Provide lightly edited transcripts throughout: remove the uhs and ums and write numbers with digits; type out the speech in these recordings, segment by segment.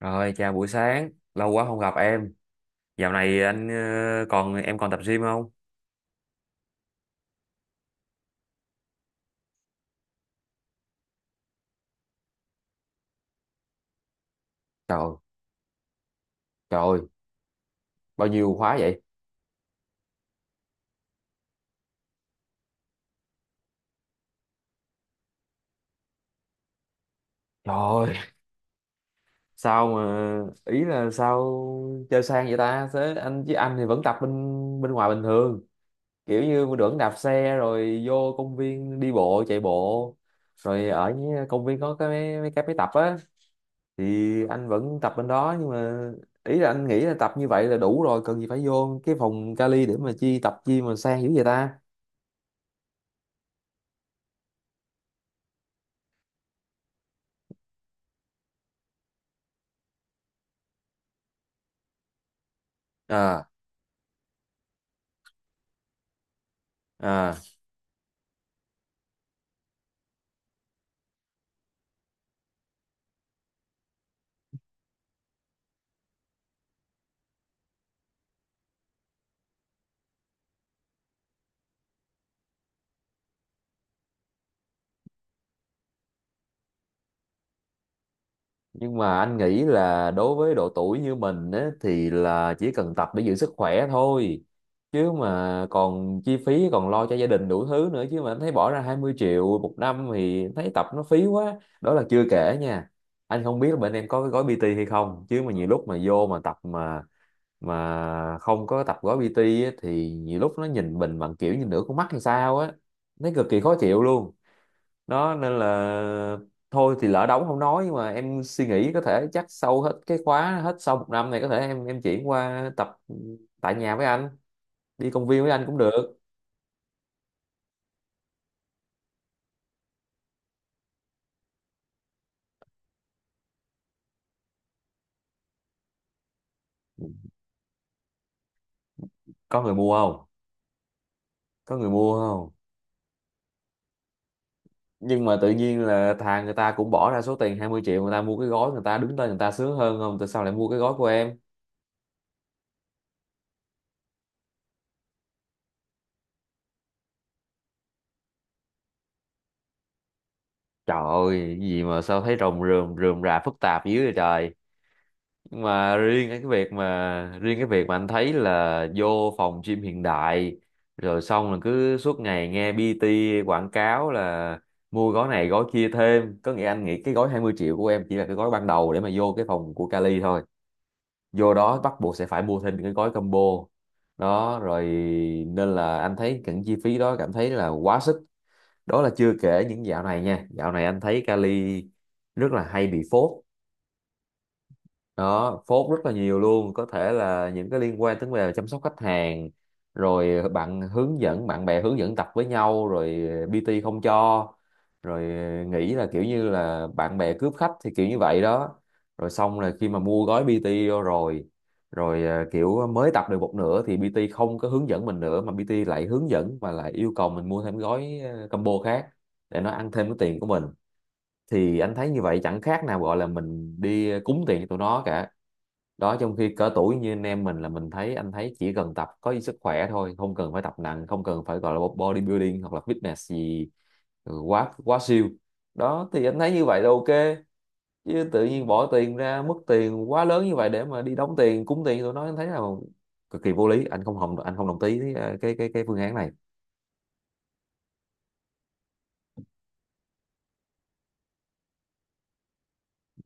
Rồi, chào buổi sáng. Lâu quá không gặp em. Dạo này anh, còn em còn tập gym không? Trời, trời ơi, bao nhiêu khóa vậy? Trời ơi, sao mà, ý là sao chơi sang vậy ta? Thế anh, chứ anh thì vẫn tập bên bên ngoài bình thường, kiểu như vẫn đạp xe rồi vô công viên đi bộ chạy bộ, rồi ở những công viên có cái mấy mấy cái máy tập á. Thì anh vẫn tập bên đó, nhưng mà ý là anh nghĩ là tập như vậy là đủ rồi, cần gì phải vô cái phòng kali để mà chi tập chi mà sang dữ vậy ta. À, à, nhưng mà anh nghĩ là đối với độ tuổi như mình á, thì là chỉ cần tập để giữ sức khỏe thôi, chứ mà còn chi phí còn lo cho gia đình đủ thứ nữa. Chứ mà anh thấy bỏ ra 20 triệu một năm thì thấy tập nó phí quá. Đó là chưa kể nha, anh không biết là bên em có cái gói PT hay không, chứ mà nhiều lúc mà vô mà tập mà không có tập gói PT á, thì nhiều lúc nó nhìn mình bằng kiểu như nửa con mắt hay sao á, thấy cực kỳ khó chịu luôn. Đó nên là thôi thì lỡ đóng không nói, nhưng mà em suy nghĩ có thể chắc sau hết cái khóa, hết sau một năm này có thể em chuyển qua tập tại nhà với anh, đi công viên với anh cũng được. Có người mua không? Có người mua không? Nhưng mà tự nhiên là thà người ta cũng bỏ ra số tiền 20 triệu người ta mua cái gói người ta đứng tên người ta sướng hơn không, tại sao lại mua cái gói của em? Trời ơi, cái gì mà sao thấy rồng rườm rườm rà phức tạp dữ vậy trời. Nhưng mà riêng cái việc mà riêng cái việc mà anh thấy là vô phòng gym hiện đại, rồi xong là cứ suốt ngày nghe PT quảng cáo là mua gói này gói kia thêm, có nghĩa anh nghĩ cái gói 20 triệu của em chỉ là cái gói ban đầu để mà vô cái phòng của Cali thôi. Vô đó bắt buộc sẽ phải mua thêm cái gói combo đó rồi, nên là anh thấy những chi phí đó cảm thấy là quá sức. Đó là chưa kể những dạo này nha, dạo này anh thấy Cali rất là hay bị phốt, đó phốt rất là nhiều luôn. Có thể là những cái liên quan tới về chăm sóc khách hàng, rồi bạn hướng dẫn bạn bè hướng dẫn tập với nhau rồi PT không cho, rồi nghĩ là kiểu như là bạn bè cướp khách thì kiểu như vậy đó. Rồi xong là khi mà mua gói PT vô rồi, rồi kiểu mới tập được một nửa thì PT không có hướng dẫn mình nữa, mà PT lại hướng dẫn và lại yêu cầu mình mua thêm gói combo khác để nó ăn thêm cái tiền của mình. Thì anh thấy như vậy chẳng khác nào gọi là mình đi cúng tiền cho tụi nó cả. Đó, trong khi cỡ tuổi như anh em mình là mình thấy anh thấy chỉ cần tập có sức khỏe thôi, không cần phải tập nặng, không cần phải gọi là bodybuilding hoặc là fitness gì, quá quá siêu. Đó thì anh thấy như vậy là ok, chứ tự nhiên bỏ tiền ra mất tiền quá lớn như vậy để mà đi đóng tiền cúng tiền tụi nó anh thấy là cực kỳ vô lý. Anh không hồng, anh không đồng ý với, cái cái phương án này.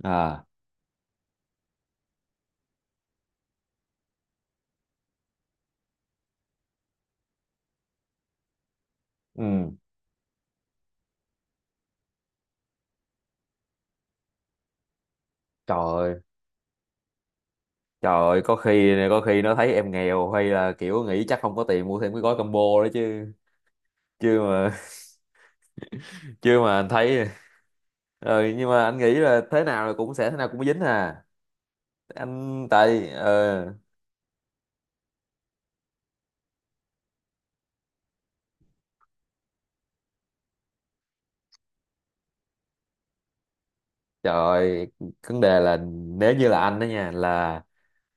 À, ừ. Trời ơi, trời ơi, có khi nó thấy em nghèo hay là kiểu nghĩ chắc không có tiền mua thêm cái gói combo đó chứ. Chưa mà. Chưa mà anh thấy rồi, nhưng mà anh nghĩ là thế nào là cũng sẽ thế nào cũng dính à. Anh tại, trời, vấn đề là nếu như là anh đó nha, là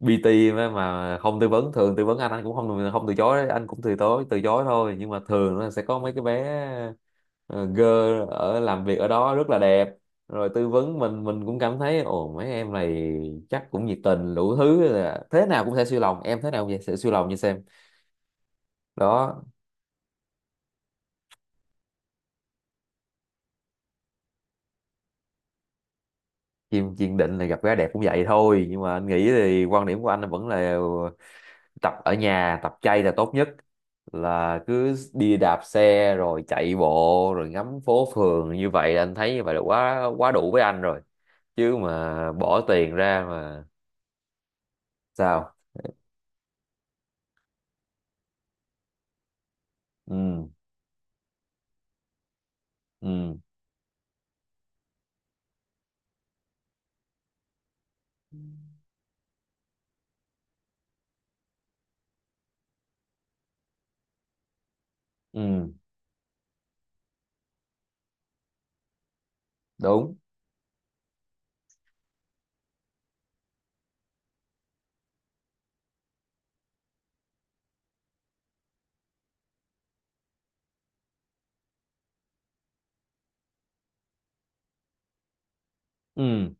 PT mà không tư vấn, thường tư vấn anh cũng không không từ chối đấy, anh cũng từ chối thôi, nhưng mà thường nó sẽ có mấy cái bé, ờ, girl ở làm việc ở đó rất là đẹp, rồi tư vấn mình, cũng cảm thấy ồ mấy em này chắc cũng nhiệt tình đủ thứ, là thế nào cũng sẽ siêu lòng em, thế nào cũng sẽ siêu lòng như xem. Đó. Chim kiên định là gặp gái đẹp cũng vậy thôi, nhưng mà anh nghĩ thì quan điểm của anh vẫn là tập ở nhà tập chay là tốt nhất, là cứ đi đạp xe rồi chạy bộ rồi ngắm phố phường, như vậy là anh thấy như vậy là quá quá đủ với anh rồi. Chứ mà bỏ tiền ra mà. Sao? Ừ, ừ, ừ, đúng, ừ.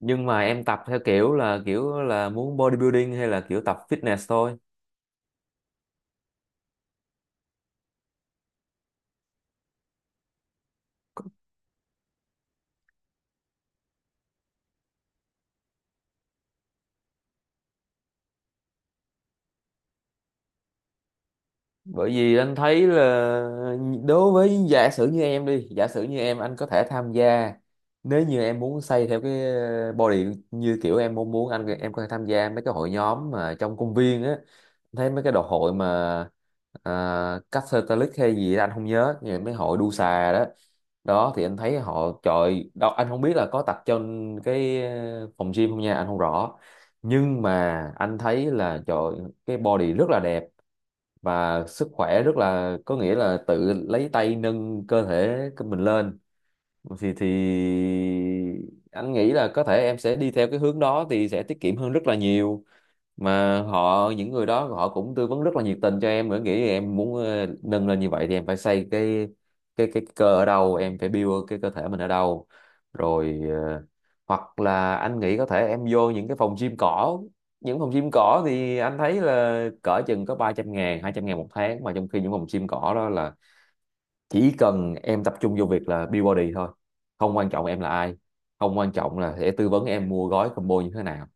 Nhưng mà em tập theo kiểu là muốn bodybuilding hay là kiểu tập fitness thôi? Bởi vì anh thấy là đối với, giả sử như em đi, giả sử như em anh có thể tham gia, nếu như em muốn xây theo cái, body như kiểu em mong muốn, anh em có thể tham gia mấy cái hội nhóm mà trong công viên á. Anh thấy mấy cái đồ hội mà, Catholic hay gì đó, anh không nhớ, nhưng mấy hội đu xà đó. Đó thì anh thấy họ, trời đâu anh không biết là có tập trong cái, phòng gym không nha, anh không rõ. Nhưng mà anh thấy là trời, cái body rất là đẹp và sức khỏe rất là, có nghĩa là tự lấy tay nâng cơ thể của mình lên. Thì anh nghĩ là có thể em sẽ đi theo cái hướng đó thì sẽ tiết kiệm hơn rất là nhiều, mà họ những người đó họ cũng tư vấn rất là nhiệt tình cho em. Em nghĩ em muốn nâng lên như vậy thì em phải xây cái cơ ở đâu, em phải build cái cơ thể mình ở đâu. Rồi, hoặc là anh nghĩ có thể em vô những cái phòng gym cỏ. Những phòng gym cỏ thì anh thấy là cỡ chừng có 300.000, 200.000 một tháng. Mà trong khi những phòng gym cỏ đó là chỉ cần em tập trung vô việc là build body thôi, không quan trọng em là ai, không quan trọng là sẽ tư vấn em mua gói combo như thế nào.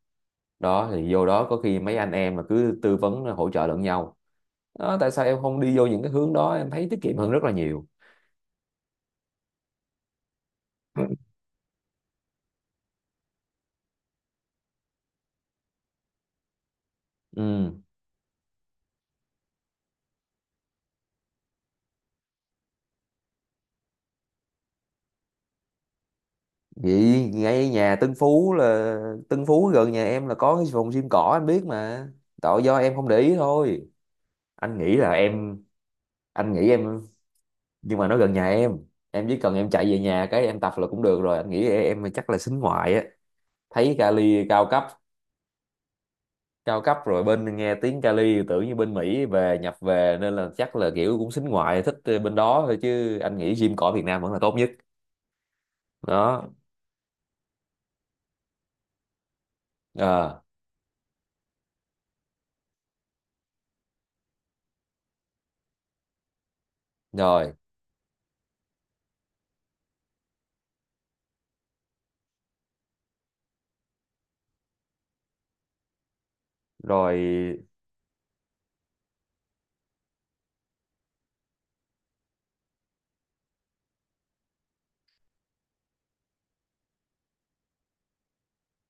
Đó thì vô đó có khi mấy anh em là cứ tư vấn, hỗ trợ lẫn nhau. Đó, tại sao em không đi vô những cái hướng đó, em thấy tiết kiệm hơn rất là nhiều. Ừ. Vậy ngay nhà Tân Phú là Tân Phú gần nhà em là có cái phòng gym cỏ anh biết mà, tội do em không để ý thôi. Anh nghĩ là em, anh nghĩ em, nhưng mà nó gần nhà em chỉ cần em chạy về nhà cái em tập là cũng được rồi. Anh nghĩ em chắc là xính ngoại á, thấy kali cao cấp, cao cấp rồi bên nghe tiếng Cali tưởng như bên Mỹ về nhập về nên là chắc là kiểu cũng xính ngoại, thích bên đó thôi, chứ anh nghĩ gym cỏ Việt Nam vẫn là tốt nhất. Đó. Ờ, rồi, rồi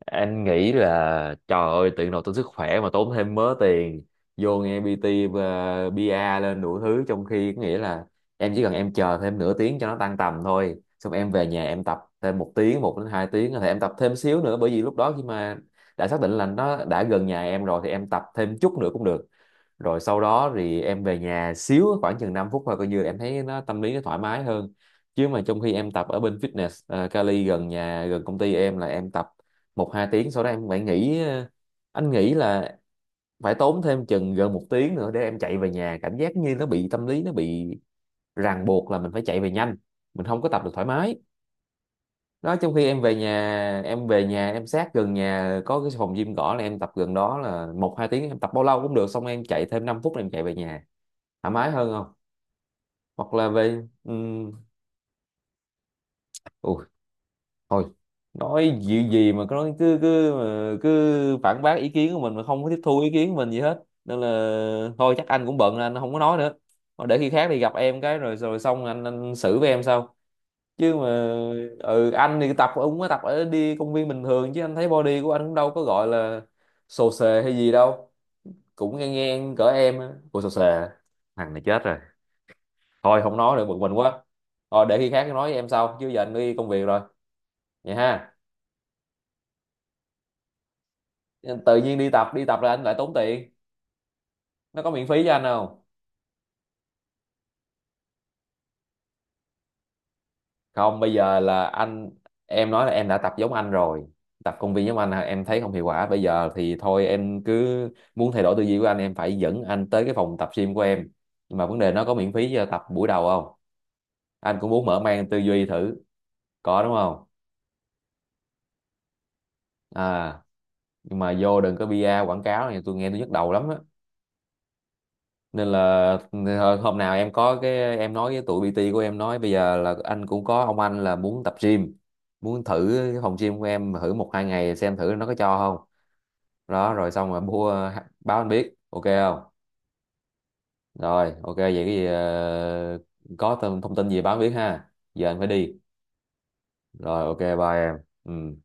anh nghĩ là trời ơi tiện đầu tốn sức khỏe mà tốn thêm mớ tiền vô nghe PT và PR lên đủ thứ, trong khi có nghĩa là em chỉ cần em chờ thêm nửa tiếng cho nó tăng tầm thôi, xong em về nhà em tập thêm một tiếng, một đến hai tiếng thì em tập thêm xíu nữa. Bởi vì lúc đó khi mà đã xác định là nó đã gần nhà em rồi thì em tập thêm chút nữa cũng được. Rồi sau đó thì em về nhà xíu, khoảng chừng 5 phút thôi, coi như là em thấy nó tâm lý nó thoải mái hơn. Chứ mà trong khi em tập ở bên fitness, Cali gần nhà gần công ty em là em tập một hai tiếng, sau đó em phải nghỉ, anh nghĩ là phải tốn thêm chừng gần một tiếng nữa để em chạy về nhà, cảm giác như nó bị tâm lý nó bị ràng buộc là mình phải chạy về nhanh, mình không có tập được thoải mái. Đó. Trong khi em về nhà, em về nhà em sát gần nhà có cái phòng gym cỏ là em tập gần đó là một hai tiếng, em tập bao lâu cũng được xong em chạy thêm 5 phút là em chạy về nhà, thoải mái hơn không? Hoặc là về, ui thôi. Nói gì gì mà cứ nói, cứ cứ mà cứ phản bác ý kiến của mình mà không có tiếp thu ý kiến của mình gì hết, nên là thôi chắc anh cũng bận nên anh không có nói nữa. Thôi để khi khác thì gặp em cái rồi rồi xong anh xử với em sau chứ mà. Ừ, anh thì tập ông có tập ở đi công viên bình thường, chứ anh thấy body của anh cũng đâu có gọi là xồ xề hay gì đâu, cũng ngang ngang cỡ em á. Ủa, xồ xề? Thằng này chết rồi. Thôi không nói nữa, bực mình quá. Thôi để khi khác nói với em sau, chứ giờ anh đi công việc rồi. Vậy ha? Tự nhiên đi tập là anh lại tốn tiền. Nó có miễn phí cho anh không? Không, bây giờ là anh, em nói là em đã tập giống anh rồi, tập công viên giống anh là em thấy không hiệu quả, bây giờ thì thôi em cứ muốn thay đổi tư duy của anh em phải dẫn anh tới cái phòng tập gym của em. Nhưng mà vấn đề nó có miễn phí cho tập buổi đầu không? Anh cũng muốn mở mang tư duy thử, có đúng không? À, nhưng mà vô đừng có bia quảng cáo này, tôi nghe tôi nhức đầu lắm á. Nên là thôi, hôm nào em có cái em nói với tụi PT của em nói bây giờ là anh cũng có ông anh là muốn tập gym, muốn thử cái phòng gym của em thử một hai ngày xem thử nó có cho không. Đó rồi xong rồi bu báo anh biết, ok không? Rồi ok vậy cái gì, có thông thông tin gì báo anh biết ha, giờ anh phải đi. Rồi ok, bye em. Ừ.